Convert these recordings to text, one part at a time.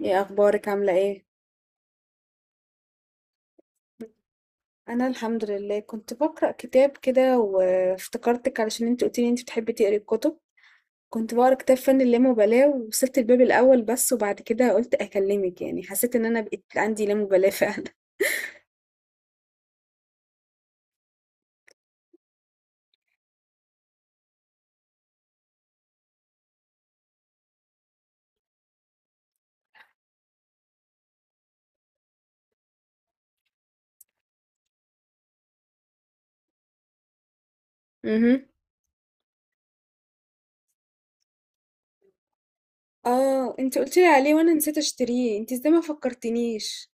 ايه اخبارك، عامله ايه؟ انا الحمد لله، كنت بقرا كتاب كده وافتكرتك علشان انت قلتي لي انت بتحبي تقري الكتب. كنت بقرا كتاب فن اللامبالاه ووصلت الباب الاول بس، وبعد كده قلت اكلمك، يعني حسيت ان انا بقيت عندي لامبالاه فعلا. امم. اه، انت قلت لي عليه وانا نسيت اشتريه، انت ازاي ما فكرتنيش؟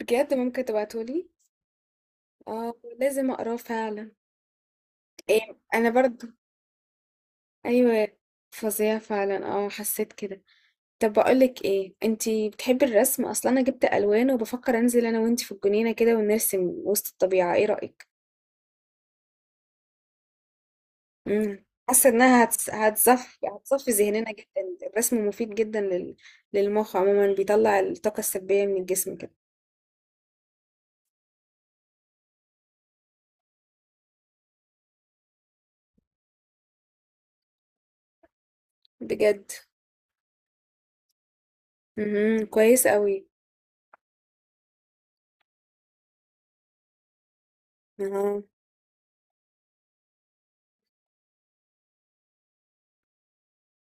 بجد؟ ممكن تبعتهولي؟ اه، لازم اقراه فعلا. ايه، انا برضو. ايوه. فظيع فعلا، اه حسيت كده. طب بقولك ايه، انتي بتحبي الرسم اصلا؟ انا جبت الوان وبفكر انزل انا وانتي في الجنينه كده ونرسم وسط الطبيعه، ايه رايك؟ حاسه انها هتصفي ذهننا جدا، الرسم مفيد جدا للمخ عموما، بيطلع الطاقه السلبيه من الجسم كده. بجد. كويس قوي.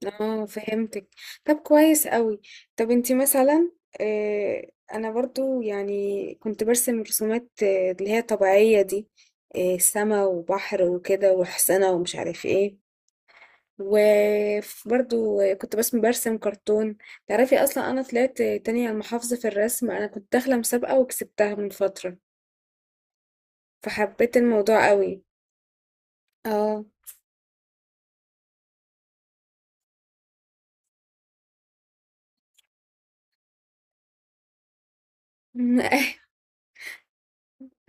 اه، فهمتك. طب كويس قوي. طب انتي مثلا. انا برضو، يعني كنت برسم رسومات، اللي هي طبيعية دي. سما وبحر وكده وحسنة، ومش عارف ايه. وبرضو كنت بس برسم كرتون. تعرفي اصلا، انا طلعت تانية على المحافظة في الرسم، انا كنت داخلة مسابقة وكسبتها من فترة. فحبيت الموضوع قوي. اه.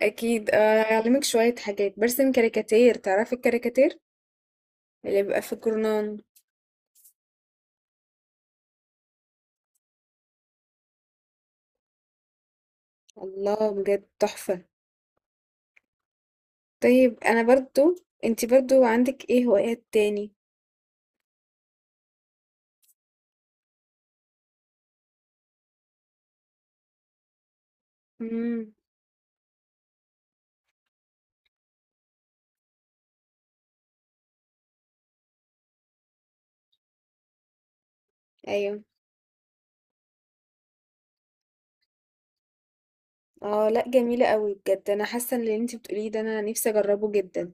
اكيد. اعلمك شوية حاجات، برسم كاريكاتير، تعرفي الكاريكاتير اللي بيبقى في الجرنان؟ الله، بجد تحفة. طيب انا برضو. انتي برضو عندك ايه هوايات تاني؟ امم. ايوه. اه لا، جميلة قوي بجد، انا حاسة ان اللي انتي بتقوليه ده انا نفسي اجربه جدا.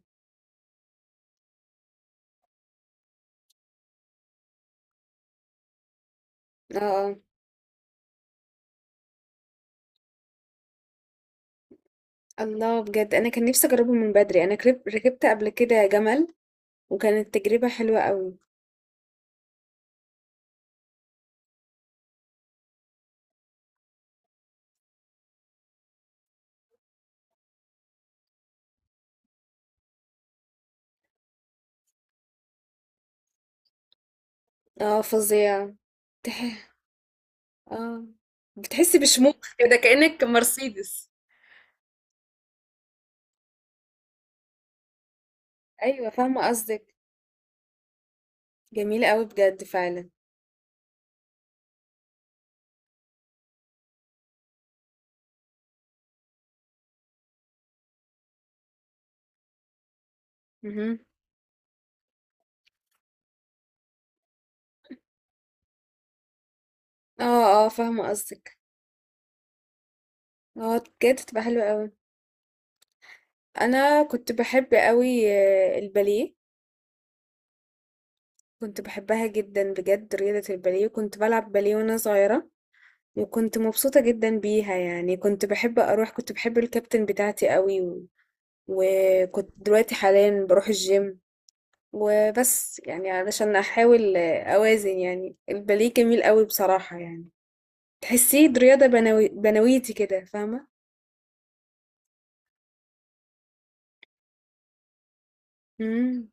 اه آه. الله، بجد انا كان نفسي اجربه من بدري، انا ركبت قبل كده جمل. وكانت تجربة حلوة قوي. اه، فظيعة. تح... اه. بتحسي بشموخ كده، كأنك مرسيدس. ايوه، فاهمة قصدك. جميلة قوي بجد فعلا. مهم. اه اه، فاهمة قصدك. اه بجد، تبقى حلوة قوي. انا كنت بحب قوي الباليه. كنت بحبها جدا بجد، رياضة الباليه، كنت بلعب باليه وانا صغيرة. وكنت مبسوطة جدا بيها، يعني كنت بحب اروح، كنت بحب الكابتن بتاعتي قوي. وكنت دلوقتي حاليا بروح الجيم. وبس يعني علشان احاول اوازن، يعني الباليه جميل قوي بصراحة يعني. تحسيه رياضة بنويتي كده، فاهمة؟ مم.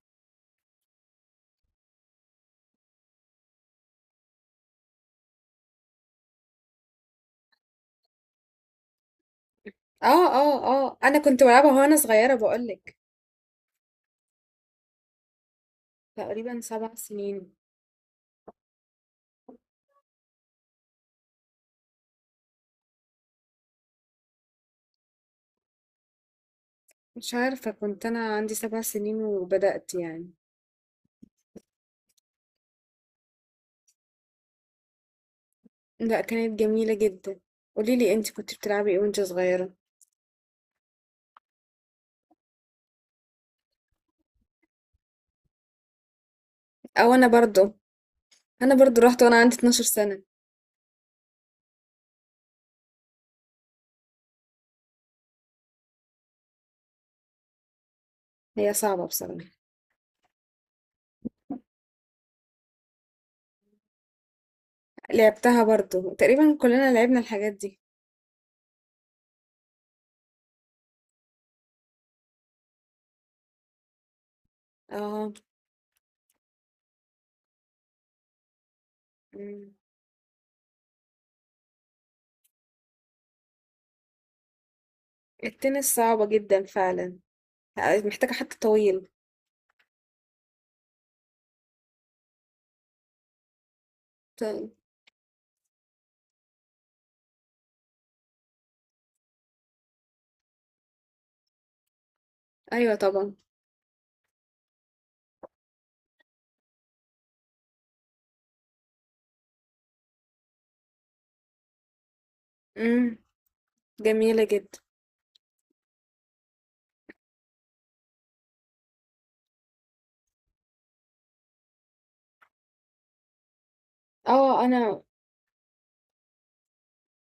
اه اه اه، انا كنت بلعبها وانا صغيرة بقولك. تقريبا 7 سنين. مش عارفة، كنت أنا عندي 7 سنين وبدأت يعني. لا، كانت جميلة جدا. قوليلي انت كنت بتلعبي ايه وانت صغيرة؟ او انا برضو انا برضو رحت وانا عندي 12 سنة. هي صعبة بصراحة. لعبتها برضو، تقريبا كلنا لعبنا الحاجات دي. اه. مم. التنس صعبة جدا فعلا. محتاجة حد طويل. ط- ايوه طبعا. امم جميلة جدا. اه انا.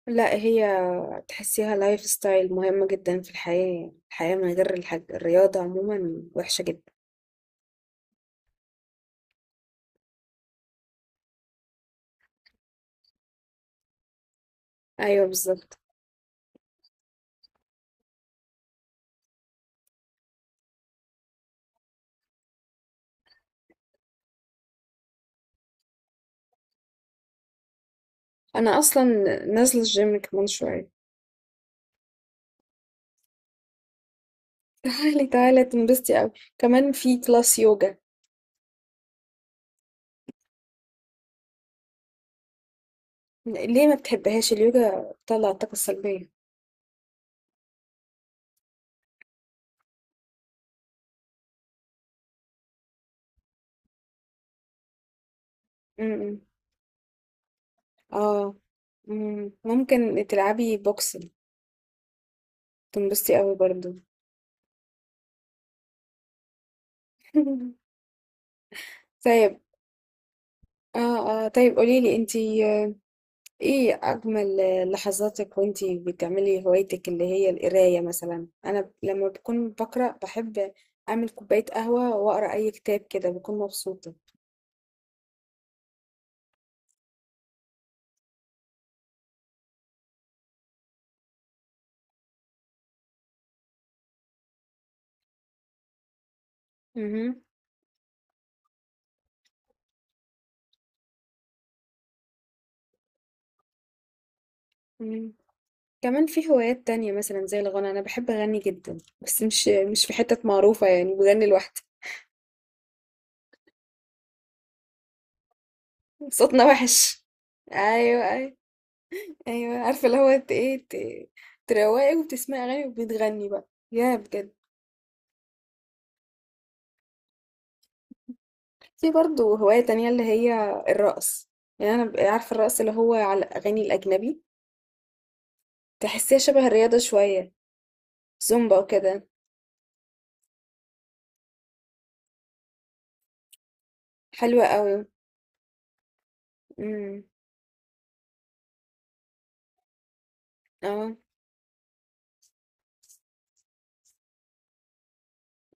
لا هي. تحسيها لايف ستايل، مهمة جدا في الحياة، يعني الحياة من غير الرياضة عموما وحشة جدا. أيوة، بالظبط. أنا أصلا. نازلة الجيم كمان شوية. تعالي تعالي، تنبسطي أوي. كمان في كلاس يوجا. ليه ما بتحبهاش اليوجا؟ بتطلع الطاقة السلبية. امم. اه. مم. ممكن تلعبي بوكسنج. تنبسطي أوي برضو. طيب. اه اه، طيب قوليلي انتي، ايه اجمل لحظاتك وانتي بتعملي هوايتك اللي هي القرايه؟ مثلا انا لما بكون بقرا، بحب اعمل كوبايه قهوه واقرا اي كتاب كده، بكون مبسوطه. امم. أمم. كمان في هوايات تانية مثلا زي الغنى، انا بحب اغني جدا، بس مش في حتت معروفه، يعني بغني لوحدي. صوتنا وحش. ايوه ايوه. ايوه عارفه اللي هو ايه تروقي وبتسمعي اغاني، وبتغني بقى يا بجد. في برضه هواية تانية اللي هي الرقص. يعني أنا ببقى عارفة الرقص اللي هو على الأغاني الأجنبي. تحسيها شبه الرياضة شوية. زومبا وكده. حلوة قوي. امم. اه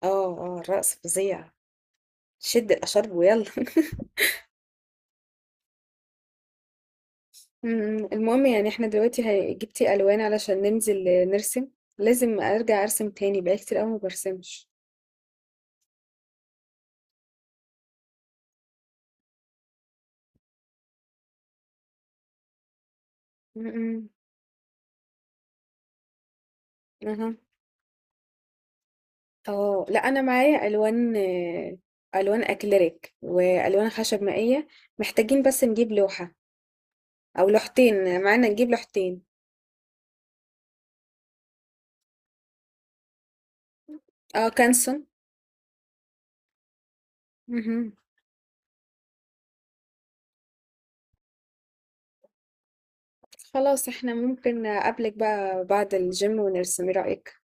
اه اه، الرقص فظيع. شد الأشارب ويلا أمم. المهم، يعني احنا دلوقتي جبتي ألوان علشان ننزل نرسم. لازم أرجع أرسم تاني، بقالي كتير قوي ما برسمش. امم. اها. اه لا، أنا معايا ألوان، ألوان أكليريك وألوان خشب مائية. محتاجين بس نجيب لوحة او لوحتين، معانا نجيب لوحتين. اه كانسون. مهم. خلاص، احنا ممكن اقابلك بقى بعد الجيم ونرسم، ايه رأيك؟